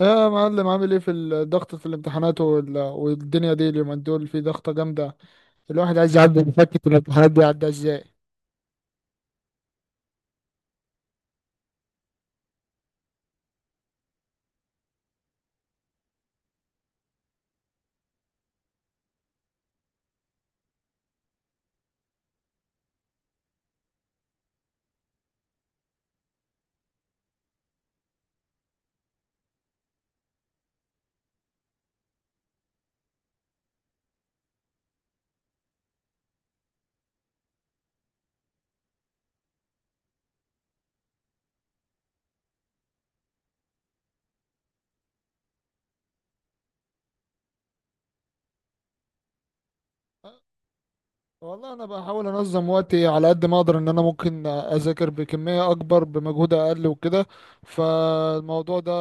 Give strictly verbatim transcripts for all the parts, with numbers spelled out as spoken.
يا معلم، عامل ايه في الضغط في الامتحانات وال- والدنيا دي؟ اليومين دول في ضغطة جامدة. الواحد عايز يعدي، يفكك الامتحانات دي يعدي ازاي؟ والله انا بحاول انظم وقتي على قد ما اقدر، ان انا ممكن اذاكر بكميه اكبر بمجهود اقل وكده. فالموضوع ده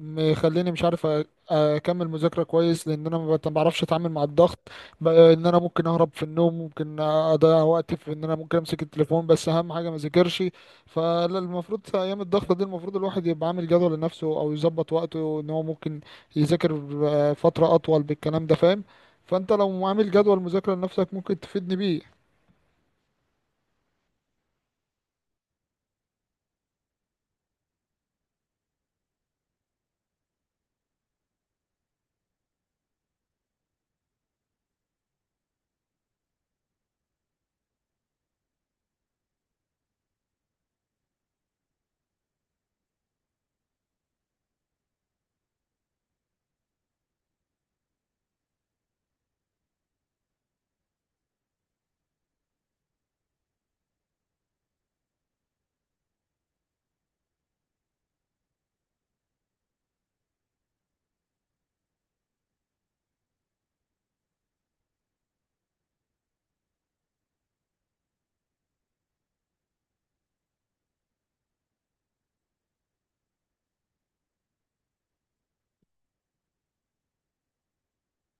مخليني مش عارف أ- اكمل مذاكره كويس، لان انا ما بت- ما بعرفش اتعامل مع الضغط. ب- ان انا ممكن اهرب في النوم، ممكن اضيع وقتي في ان انا ممكن امسك التليفون، بس اهم حاجه ما اذاكرش. فالمفروض في ايام الضغط دي المفروض الواحد يبقى عامل جدول لنفسه، او يظبط وقته ان هو ممكن يذاكر آه، فتره اطول بالكلام ده، فاهم؟ فانت لو عامل جدول مذاكرة لنفسك ممكن تفيدني بيه.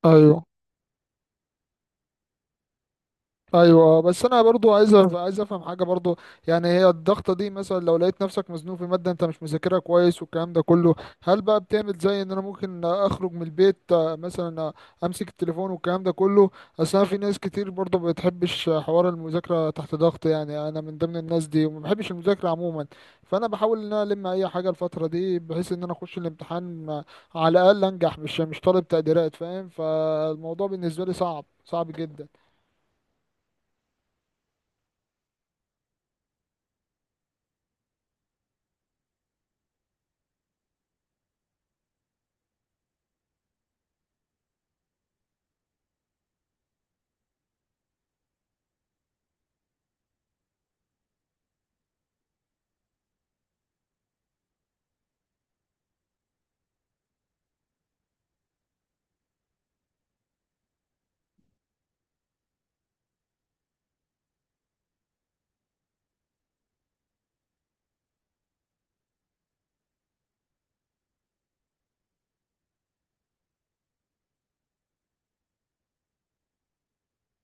ايوه، ايوه، بس انا برضو عايز أف- عايز افهم حاجه برضو. يعني هي الضغطه دي مثلا لو لقيت نفسك مزنوق في ماده انت مش مذاكرها كويس والكلام ده كله، هل بقى بتعمل زي ان انا ممكن اخرج من البيت آه، مثلا، آه، امسك التليفون والكلام ده كله؟ اصل انا، في ناس كتير برضو ما بتحبش حوار المذاكره تحت ضغط، يعني انا من ضمن الناس دي وما بحبش المذاكره عموما. فانا بحاول ان انا الم اي حاجه الفتره دي بحيث ان انا اخش الامتحان، آه، على الاقل انجح، مش مش طالب تقديرات، فاهم؟ فالموضوع بالنسبه لي صعب، صعب جدا.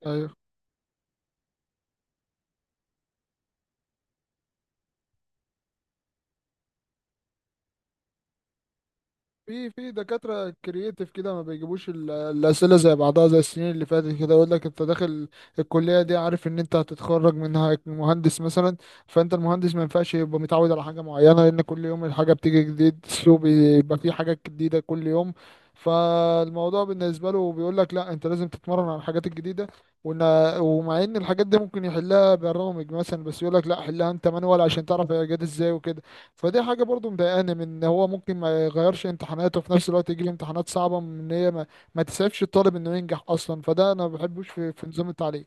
أيوة. في في دكاترة كرييتيف كده ما بيجيبوش ال- الأسئلة زي بعضها زي السنين اللي فاتت، كده يقول لك أنت داخل الكلية دي عارف إن أنت هتتخرج منها مهندس مثلا. فأنت المهندس ما ينفعش يبقى متعود على حاجة معينة، لأن كل يوم الحاجة بتيجي جديد، السوق بيبقى فيه حاجات جديدة كل يوم. فالموضوع بالنسبة له بيقول لك لا، أنت لازم تتمرن على الحاجات الجديدة. وإن ومع إن الحاجات دي ممكن يحلها برامج مثلا، بس يقول لك لا، حلها أنت مانوال عشان تعرف هي جت إزاي وكده. فدي حاجة برضو مضايقاني، من ان هو ممكن ما يغيرش امتحاناته وفي نفس الوقت يجي له امتحانات صعبة من ان هي ما, ما تسعفش الطالب انه ينجح اصلا. فده انا ما بحبوش في, في نظام التعليم.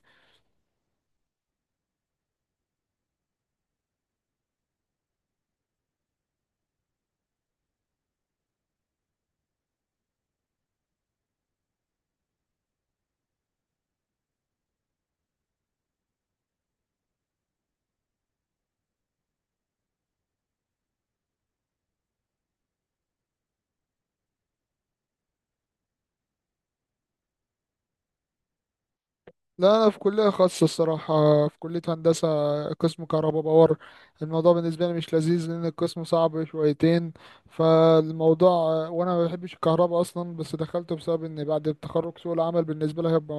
لا، انا في كليه خاصه الصراحه، في كليه هندسه، قسم كهرباء باور. الموضوع بالنسبه لي مش لذيذ لان القسم صعب شويتين. فالموضوع، وانا ما بحبش الكهرباء اصلا، بس دخلته بسبب ان بعد التخرج سوق العمل بالنسبه لي هيبقى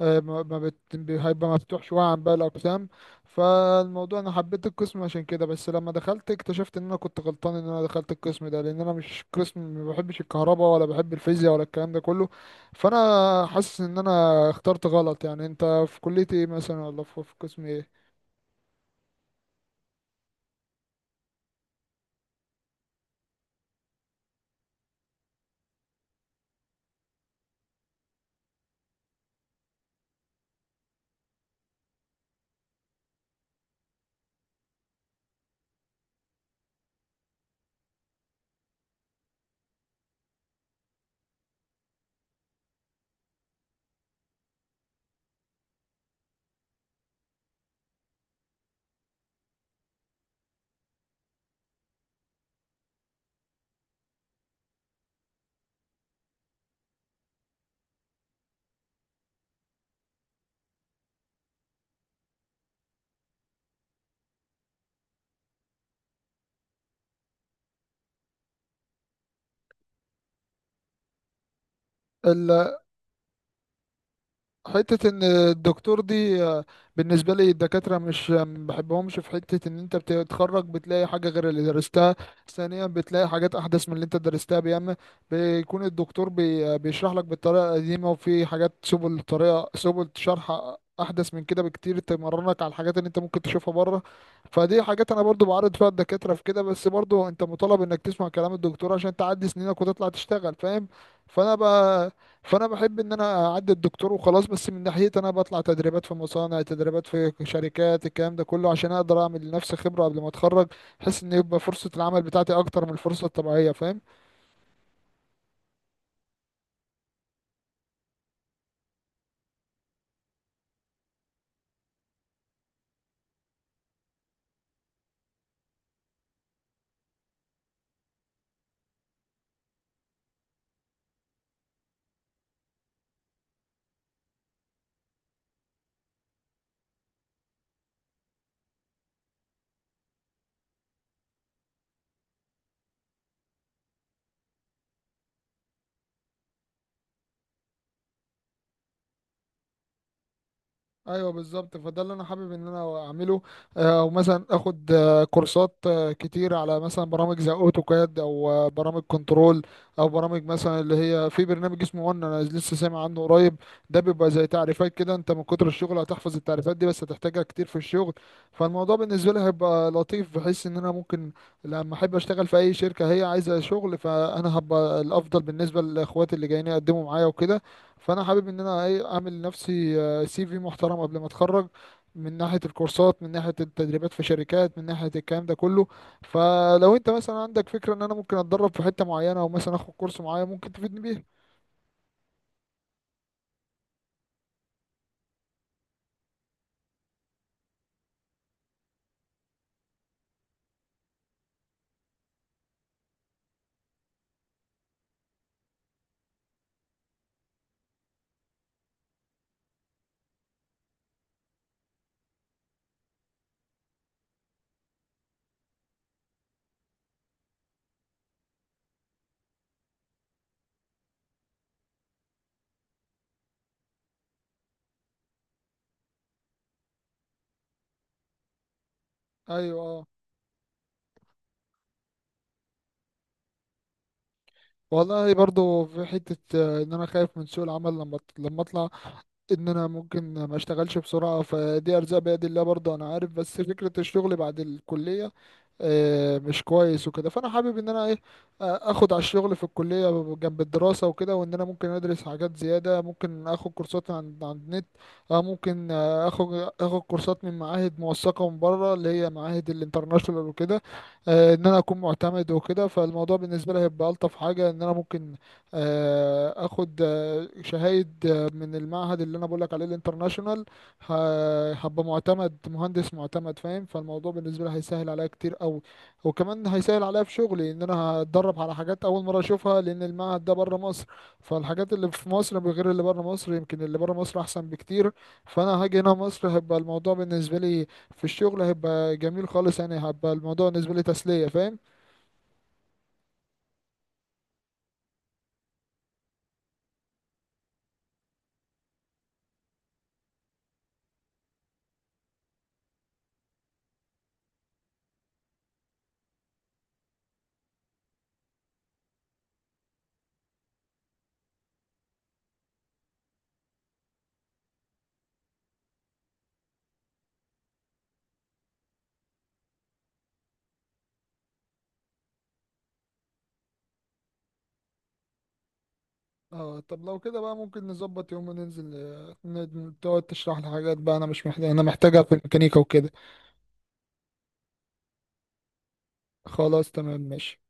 آه، ما ما بت... هيبقى مفتوح شويه عن باقي الاقسام. فالموضوع انا حبيت القسم عشان كده، بس لما دخلت اكتشفت ان انا كنت غلطان ان انا دخلت القسم ده، لان انا مش قسم، ما بحبش الكهرباء ولا بحب الفيزياء ولا الكلام ده كله. فانا حاسس ان انا اخترت غلط. يعني انت في كلية ايه مثلا، ولا في في قسم ايه؟ ال- حتة ان الدكتور دي آه، بالنسبة لي الدكاترة مش آه، ما بحبهمش في حتة ان انت بتتخرج بتلاقي حاجة غير اللي درستها. ثانيا، بتلاقي حاجات احدث من اللي انت درستها. بيعمل بيكون الدكتور بي آه، بيشرح لك بالطريقة القديمة، وفي حاجات سبل، طريقة سبل شرح احدث من كده بكتير، تمرنك على الحاجات اللي انت ممكن تشوفها بره. فدي حاجات انا برضو بعرض فيها الدكاترة في كده، بس برضو انت مطالب انك تسمع كلام الدكتور عشان تعدي سنينك وتطلع تشتغل، فاهم؟ فانا بقى، فانا بحب ان انا اعدي الدكتور وخلاص، بس من ناحيتي انا بطلع تدريبات في مصانع، تدريبات في شركات، الكلام ده كله، عشان اقدر اعمل لنفسي خبرة قبل ما اتخرج. بحيث ان يبقى فرصة العمل بتاعتي اكتر من الفرصة الطبيعية، فاهم؟ ايوه بالظبط، فده اللي انا حابب ان انا اعمله. آه، او مثلا اخد آه، كورسات آه، كتير على مثلا برامج زي اوتوكاد، او آه، برامج كنترول، او برامج مثلا اللي هي، في برنامج اسمه، وان انا لسه سامع عنه قريب. ده بيبقى زي تعريفات كده، انت من كتر الشغل هتحفظ التعريفات دي، بس هتحتاجها كتير في الشغل. فالموضوع بالنسبه لي هيبقى لطيف، بحيث ان انا ممكن لما احب اشتغل في اي شركه هي عايزه شغل، فانا هبقى الافضل بالنسبه لاخواتي اللي جايين يقدموا معايا وكده. فانا حابب ان انا ايه اعمل لنفسي سي في محترم قبل ما اتخرج، من ناحية الكورسات، من ناحية التدريبات في شركات، من ناحية الكلام ده كله. فلو انت مثلا عندك فكرة ان انا ممكن اتدرب في حتة معينة، او مثلا اخد كورس معين، ممكن تفيدني بيه. ايوه، اه. والله برضو في حتة آه، ان انا خايف من سوق العمل لما لما اطلع، ان انا ممكن ما اشتغلش بسرعة. فدي ارزاق بيد الله، برضو انا عارف، بس فكرة الشغل بعد الكلية آه، مش كويس وكده. فانا حابب ان انا ايه، آه، اخد على الشغل في الكليه جنب الدراسه وكده، وان انا ممكن ادرس حاجات زياده، ممكن اخد كورسات عن عن النت. آه، ممكن آه، اخد اخد كورسات من معاهد موثقه من بره، اللي هي معاهد الانترناشونال وكده. آه، ان انا اكون معتمد وكده. فالموضوع بالنسبه لي هيبقى الطف حاجه، ان انا ممكن آه، اخد آه، شهايد آه، من المعهد اللي انا بقول لك عليه الانترناشونال. ه- هبقى معتمد، مهندس معتمد، فاهم؟ فالموضوع بالنسبه لي هيسهل عليا كتير قوي. وكمان هيسهل عليا في شغلي، ان انا هتدرب على حاجات اول مره اشوفها، لان المعهد ده بره مصر. فالحاجات اللي في مصر غير اللي بره مصر، يمكن اللي بره مصر احسن بكتير. فانا هاجي هنا مصر هيبقى الموضوع بالنسبه لي في الشغل هيبقى جميل خالص، يعني هيبقى الموضوع بالنسبه لي تسليه، فاهم؟ اه، طب لو كده بقى ممكن نظبط يوم وننزل، آه، ن- تقعد تشرح لي حاجات بقى انا مش محتاج، انا محتاجها في الميكانيكا وكده. خلاص تمام، ماشي.